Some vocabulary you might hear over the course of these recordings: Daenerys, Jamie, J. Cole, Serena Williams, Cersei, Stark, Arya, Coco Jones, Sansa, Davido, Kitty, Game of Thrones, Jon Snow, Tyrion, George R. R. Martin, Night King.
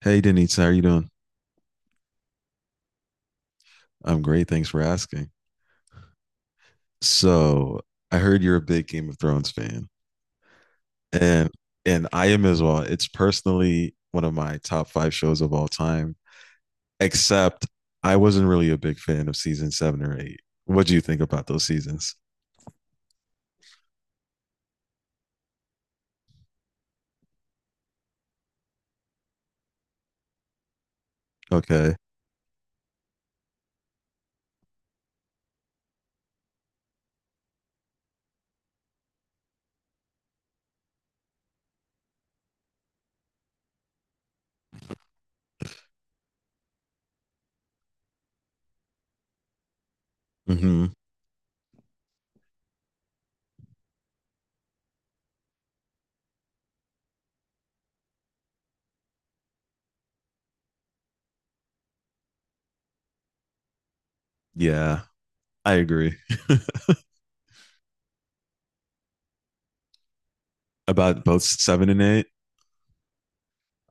Hey, Denise, how are you doing? I'm great. Thanks for asking. So, I heard you're a big Game of Thrones fan, and and I am as well. It's personally one of my top five shows of all time, except I wasn't really a big fan of season seven or eight. What do you think about those seasons? Okay. hmm Yeah, I agree about both seven and eight.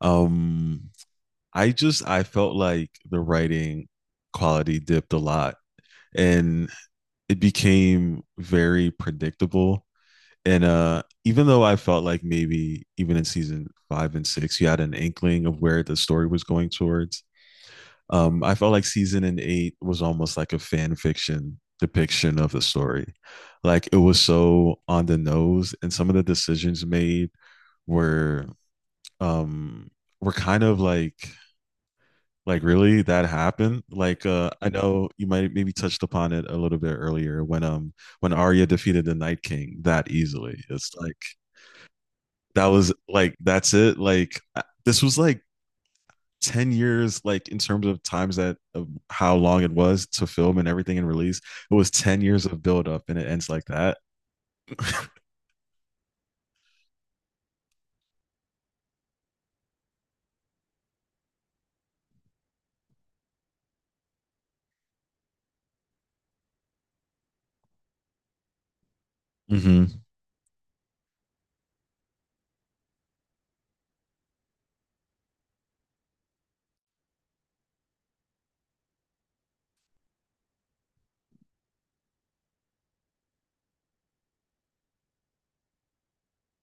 Um, I just I felt like the writing quality dipped a lot. And it became very predictable. And even though I felt like maybe even in season five and six, you had an inkling of where the story was going towards, I felt like season and eight was almost like a fan fiction depiction of the story. Like it was so on the nose, and some of the decisions made were um, were kind of like really that happened? Like I know you might maybe touched upon it a little bit earlier when when Arya defeated the Night King that easily. It's like that was like that's it. This was like 10 years like in terms of times that of how long it was to film and everything and release. It was 10 years of build up and it ends like that. hmm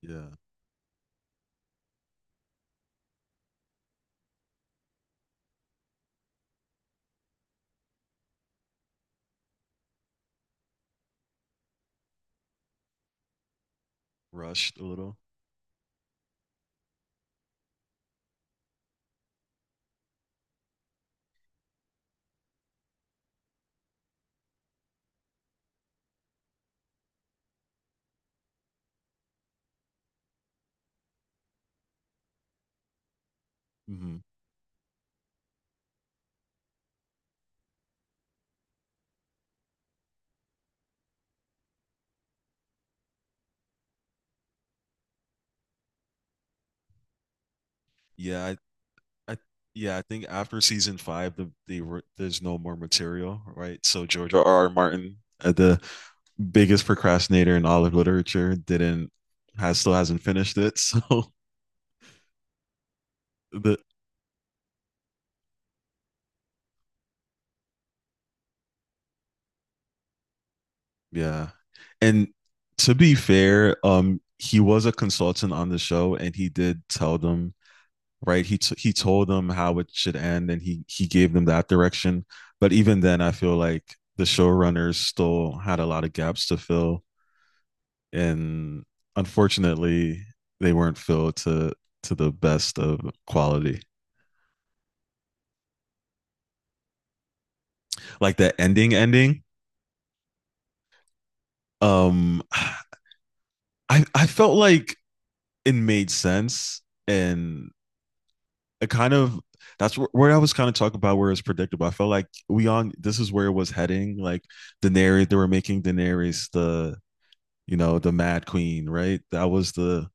Yeah, rushed a little. Hmm Yeah, I yeah, I think after season five, there's no more material, right? So George R. R. Martin, the biggest procrastinator in all of literature, didn't has still hasn't finished it. So the yeah, and to be fair, he was a consultant on the show, and he did tell them right. He told them how it should end, and he gave them that direction. But even then, I feel like the showrunners still had a lot of gaps to fill and unfortunately, they weren't filled to the best of quality. Like that ending, ending. Um, I I felt like it made sense, and it kind of that's where I was kind of talking about where it's predictable. I felt like we on this is where it was heading. Like Daenerys, they were making Daenerys the you know the Mad Queen, right?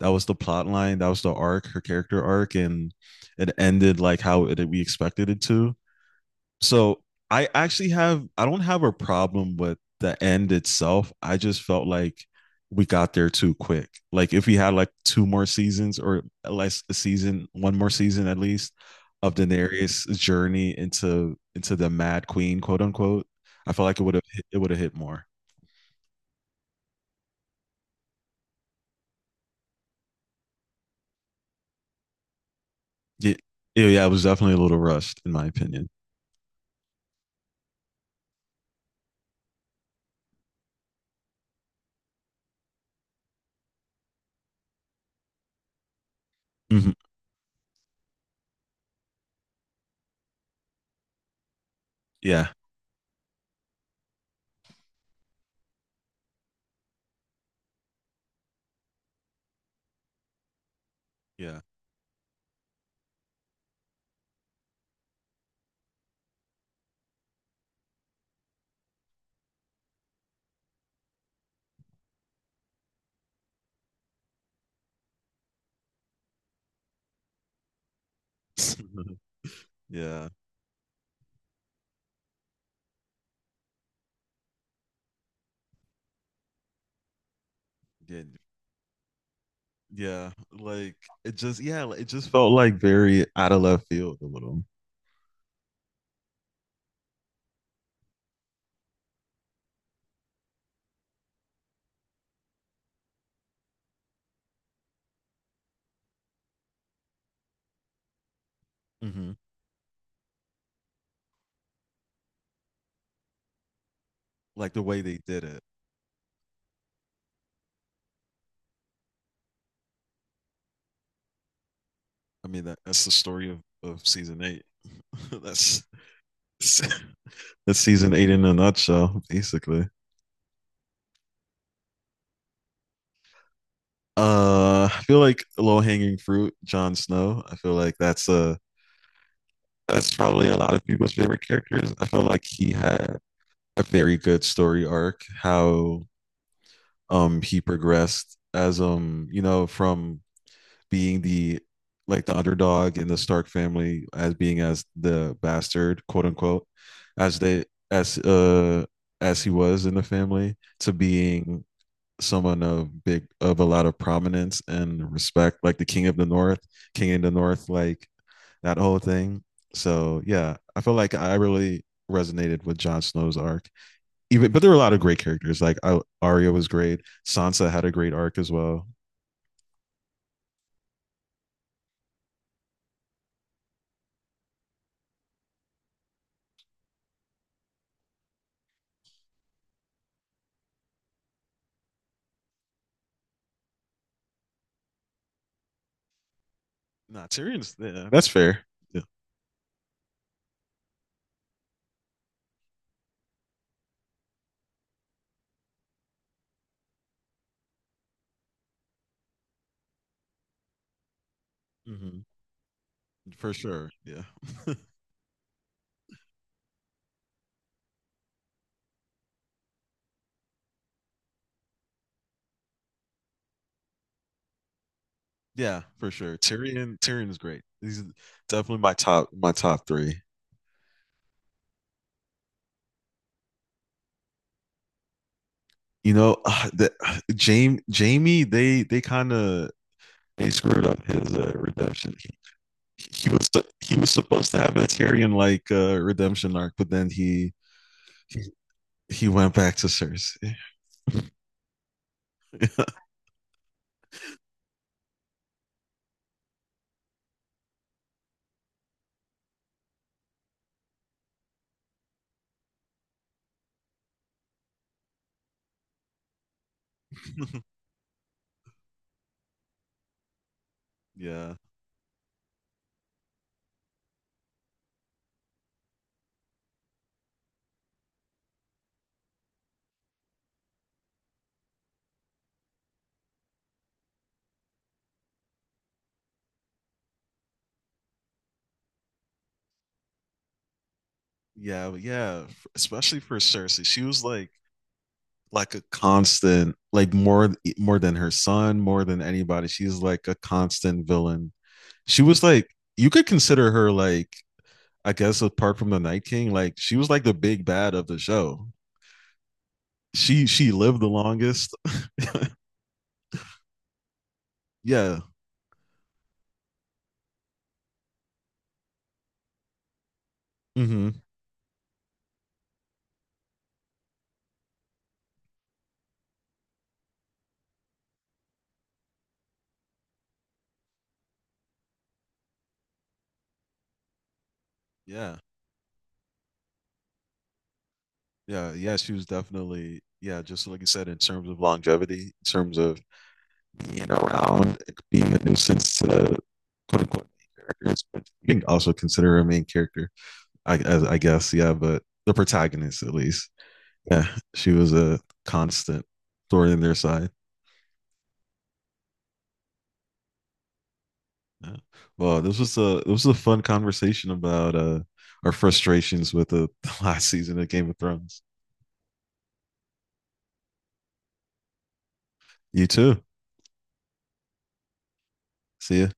That was the plot line. That was the arc, her character arc, and it ended like how it, we expected it to. So I actually have I don't have a problem with the end itself. I just felt like we got there too quick. Like if we had like two more seasons or less a season, one more season at least of Daenerys' journey into the Mad Queen, quote unquote, I felt like it would have hit more. Yeah, yeah, it was definitely a little rushed in my opinion. Mhm. Yeah, yeah, yeah, yeah. Yeah, like it just yeah, like, it just felt like very out of left field a little. Hmm Like the way they did it. I mean, that, that's the story of season eight. that's that's season eight in a nutshell, basically. I feel like low hanging fruit, Jon Snow. I feel like that's a that's probably a lot of people's favorite characters. I feel like he had a very good story arc, how he progressed as you know, from being the like the underdog in the Stark family as being as the bastard, quote unquote, as they as uh as he was in the family to being someone of big of a lot of prominence and respect, like the King of the North, King of the North, like that whole thing. So yeah, I feel like I really resonated with Jon Snow's arc. Even but there were a lot of great characters. Arya was great. Sansa had a great arc as well. Not Tyrion's. Yeah, that's fair. Yeah. hmm For sure. Yeah. Yeah, for sure. Tyrion is great. He's definitely my top three. You know, the Jamie they kind of they screwed up his redemption. He was he was supposed to have a Tyrion like redemption arc, but then he he went back to Cersei. yeah, yeah, yeah. Especially for Cersei, she was like a constant, like more more than her son, more than anybody. She's like a constant villain she was like you could consider her like I guess apart from the Night King, like she was like the big bad of the show. She lived the longest. yeah. Mm-hmm. Yeah. Yeah. Yeah. She was definitely yeah, just like you said, in terms of longevity, in terms of being around, and being a nuisance to the quote unquote main characters, but you can also consider her a main character, I guess, yeah, but the protagonist at least. Yeah. She was a constant thorn in their side. Yeah. Well, this was a fun conversation about our frustrations with the, the last season of Game of Thrones. You too. See ya.